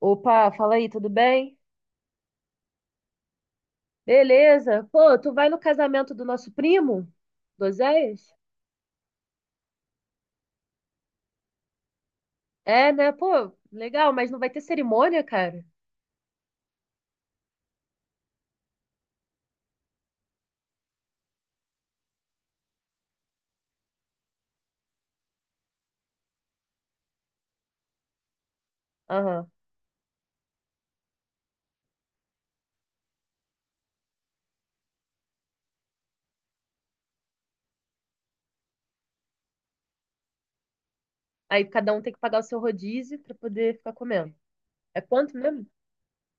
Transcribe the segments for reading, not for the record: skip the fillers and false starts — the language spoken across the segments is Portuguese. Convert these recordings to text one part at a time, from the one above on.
Opa, fala aí, tudo bem? Beleza. Pô, tu vai no casamento do nosso primo? Do Oséias? É, né? Pô, legal, mas não vai ter cerimônia, cara? Aham. Aí cada um tem que pagar o seu rodízio pra poder ficar comendo. É quanto mesmo?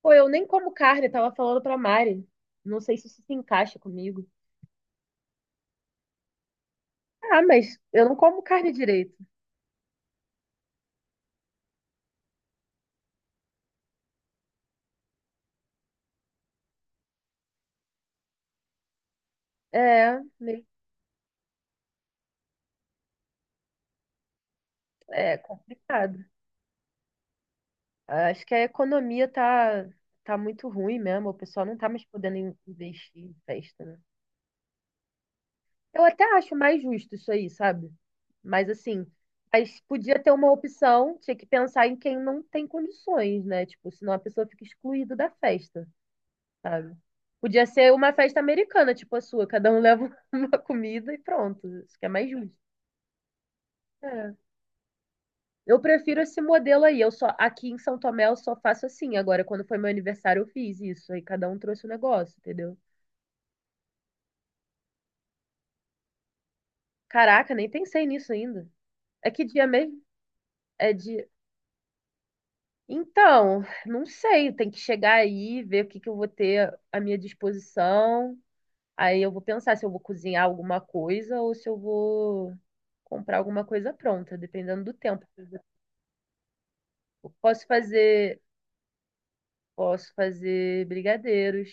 Pô, eu nem como carne, tava falando pra Mari. Não sei se isso se encaixa comigo. Ah, mas eu não como carne direito. É, meio- é complicado. Acho que a economia tá muito ruim mesmo. O pessoal não tá mais podendo investir em festa, né? Eu até acho mais justo isso aí, sabe? Mas assim, mas podia ter uma opção, tinha que pensar em quem não tem condições, né? Tipo, senão a pessoa fica excluída da festa, sabe? Podia ser uma festa americana, tipo a sua, cada um leva uma comida e pronto. Isso que é mais justo. É. Eu prefiro esse modelo aí. Eu só aqui em São Tomé eu só faço assim. Agora, quando foi meu aniversário, eu fiz isso. Aí cada um trouxe o negócio, entendeu? Caraca, nem pensei nisso ainda. É que dia mesmo? É de Então, não sei, tem que chegar aí, ver o que que eu vou ter à minha disposição. Aí eu vou pensar se eu vou cozinhar alguma coisa ou se eu vou comprar alguma coisa pronta, dependendo do tempo. Eu Posso fazer, Posso fazer brigadeiros,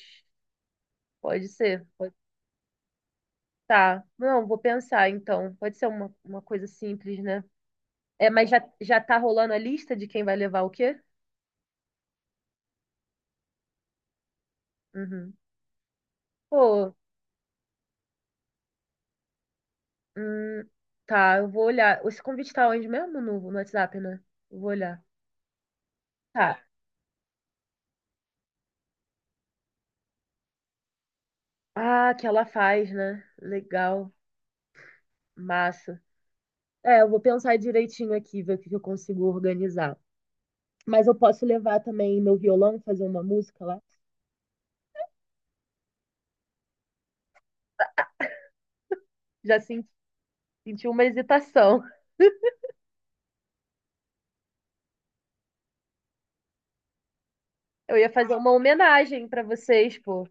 pode ser, pode tá. Não, vou pensar então. Pode ser uma coisa simples, né? É, mas já tá rolando a lista de quem vai levar o quê? Uhum. Pô, Hum, tá, eu vou olhar. Esse convite tá onde mesmo? No WhatsApp, né? Eu vou olhar. Tá. Ah, que ela faz, né? Legal. Massa. É, eu vou pensar direitinho aqui, ver o que que eu consigo organizar. Mas eu posso levar também meu violão, fazer uma música lá? Já sen- Senti uma hesitação. Eu ia fazer uma homenagem pra vocês, pô.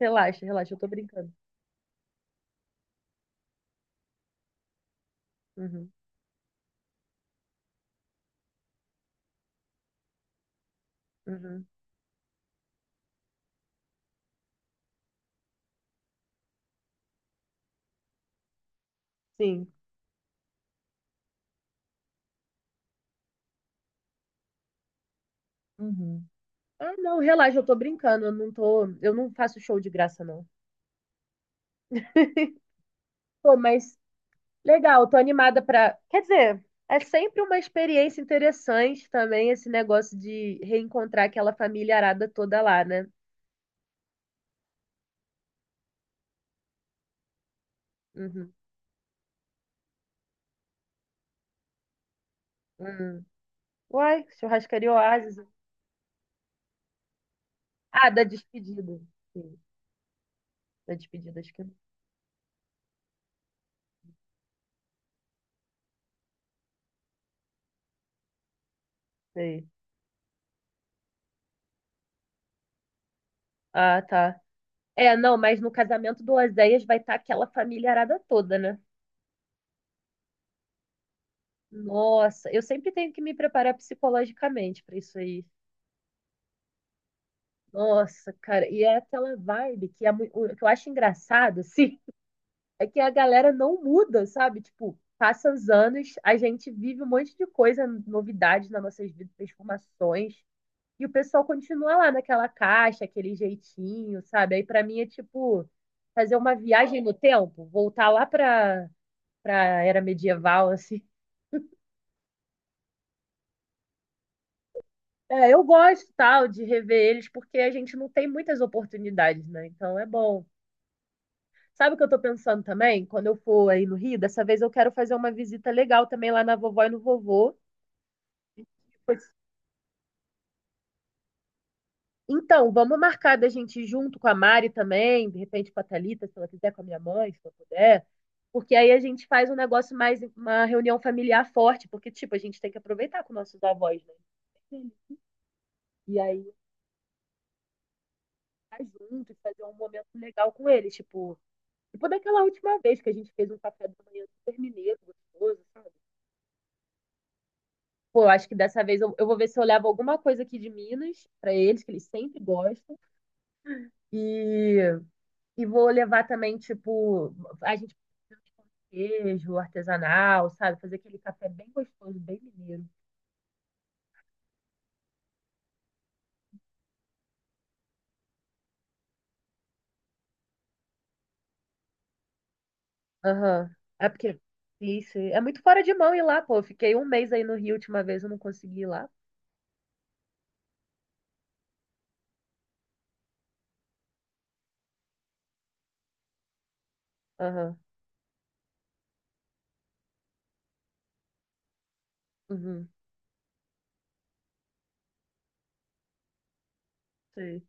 Relaxa, relaxa, eu tô brincando. Uhum, uhum. Sim. Uhum. Ah, não, relaxa, eu tô brincando, eu não tô, eu não faço show de graça, não. Pô, mas Legal, tô animada pra. Quer dizer, é sempre uma experiência interessante também esse negócio de reencontrar aquela família arada toda lá, né? Uhum. Uhum. Uai, churrascaria Oasis. Ah, da despedida. Sim, da despedida, acho que eu não sei. Ah, tá. É, não, mas no casamento do Oséias vai estar aquela família arada toda, né? Nossa, eu sempre tenho que me preparar psicologicamente pra isso aí. Nossa, cara, e é aquela vibe que, é, o que eu acho engraçado, assim. É que a galera não muda, sabe? Tipo, passa os anos, a gente vive um monte de coisa, novidades nas nossas vidas, transformações, e o pessoal continua lá naquela caixa, aquele jeitinho, sabe? Aí pra mim é tipo fazer uma viagem no tempo, voltar lá pra era medieval, assim. É, eu gosto, tal, de rever eles, porque a gente não tem muitas oportunidades, né? Então é bom. Sabe o que eu tô pensando também? Quando eu for aí no Rio, dessa vez eu quero fazer uma visita legal também lá na vovó e no vovô. Então, vamos marcar da gente ir junto com a Mari também, de repente com a Thalita, se ela quiser, com a minha mãe, se ela puder. Porque aí a gente faz um negócio mais, uma reunião familiar forte, porque, tipo, a gente tem que aproveitar com nossos avós, né? E aí ficar junto e fazer um momento legal com eles, tipo, daquela última vez que a gente fez um café da manhã super mineiro, gostoso, sabe? Pô, eu acho que dessa vez eu vou ver se eu levo alguma coisa aqui de Minas pra eles, que eles sempre gostam. E E vou levar também, tipo, a gente pode fazer um queijo artesanal, sabe? Fazer aquele café bem gostoso, bem mineiro. Aham. É porque. Isso. É muito fora de mão ir lá, pô. Eu fiquei um mês aí no Rio, a última vez eu não consegui ir lá. Aham, Uhum. Sei.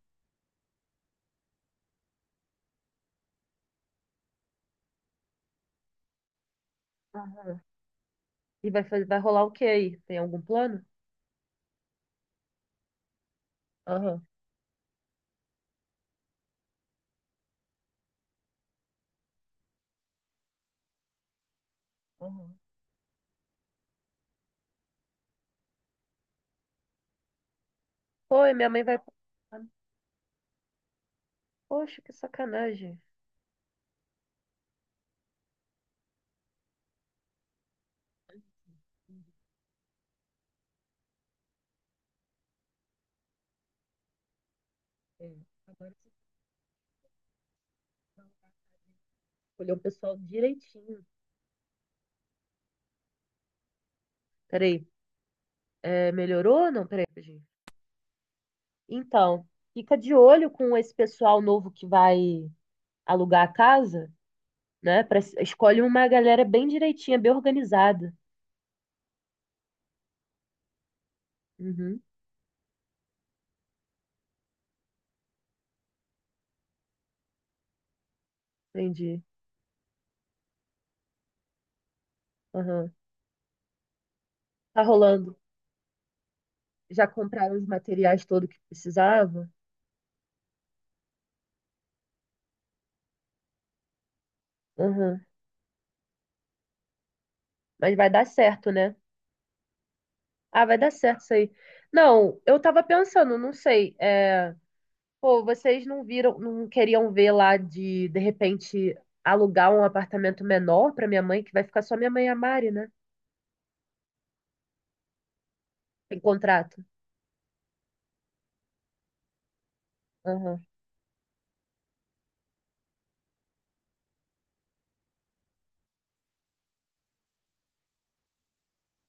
Aham. E vai rolar o que aí? Tem algum plano? Aham, aham. Pô, e minha mãe vai. Poxa, que sacanagem. É, agora você vai escolher o pessoal direitinho. Peraí, é, melhorou ou não? Peraí, gente. Então, fica de olho com esse pessoal novo que vai alugar a casa, né? Escolhe uma galera bem direitinha, bem organizada. Uhum, entendi. Aham. Tá rolando. Já compraram os materiais todo que precisava? Aham. Mas vai dar certo, né? Ah, vai dar certo isso aí. Não, eu tava pensando, não sei. É, pô, vocês não viram, não queriam ver lá de repente, alugar um apartamento menor pra minha mãe, que vai ficar só minha mãe e a Mari, né? Tem contrato. Aham,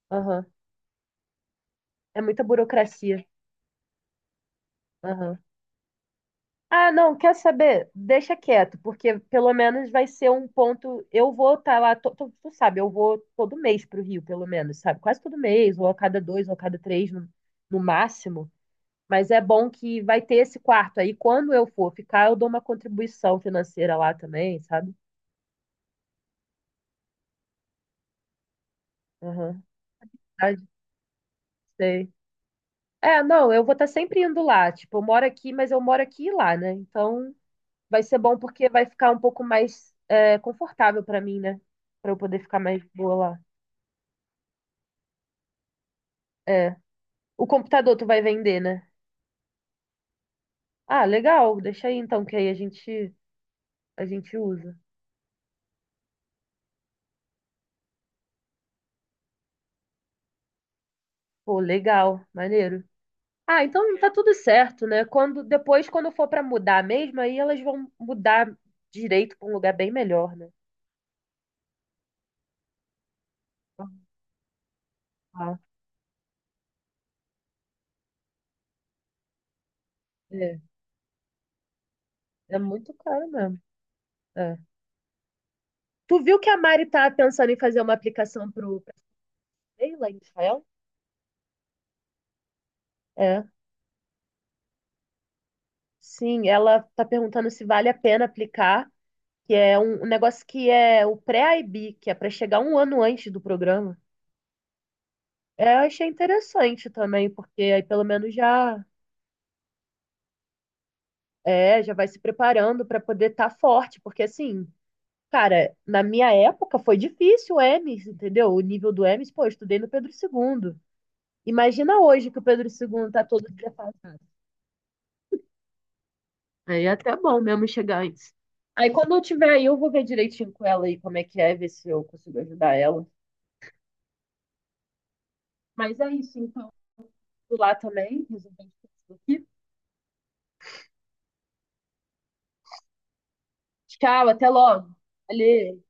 aham. É muita burocracia. Aham. Ah, não, quer saber? Deixa quieto, porque pelo menos vai ser um ponto. Eu vou estar lá, tu sabe, eu vou todo mês para o Rio, pelo menos, sabe? Quase todo mês, ou a cada dois, ou a cada três, no máximo. Mas é bom que vai ter esse quarto aí. Quando eu for ficar, eu dou uma contribuição financeira lá também, sabe? Aham. Ah, sei. É, não, eu vou estar sempre indo lá. Tipo, eu moro aqui, mas eu moro aqui e lá, né? Então. Vai ser bom porque vai ficar um pouco mais confortável pra mim, né? Pra eu poder ficar mais boa lá. É. O computador tu vai vender, né? Ah, legal. Deixa aí então, que aí a gente usa. Pô, legal, maneiro. Ah, então tá tudo certo, né? Quando depois quando for pra mudar mesmo, aí elas vão mudar direito pra um lugar bem melhor, né? Ah, é, é muito caro mesmo. É. Tu viu que a Mari tá pensando em fazer uma aplicação pro pra sei lá, em Israel? É. Sim, ela está perguntando se vale a pena aplicar, que é um negócio que é o pré-IB, que é para chegar um ano antes do programa. É, eu achei interessante também, porque aí pelo menos já já vai se preparando para poder estar forte, porque assim, cara, na minha época foi difícil o EMES, entendeu? O nível do EMES, pô, eu estudei no Pedro Segundo. Imagina hoje que o Pedro Segundo está todo defasado. Aí é até bom mesmo chegar antes. Aí quando eu tiver aí, eu vou ver direitinho com ela aí como é que é, ver se eu consigo ajudar ela. Mas é isso, então. Vou lá também, resolver isso aqui. Tchau, até logo. Valeu.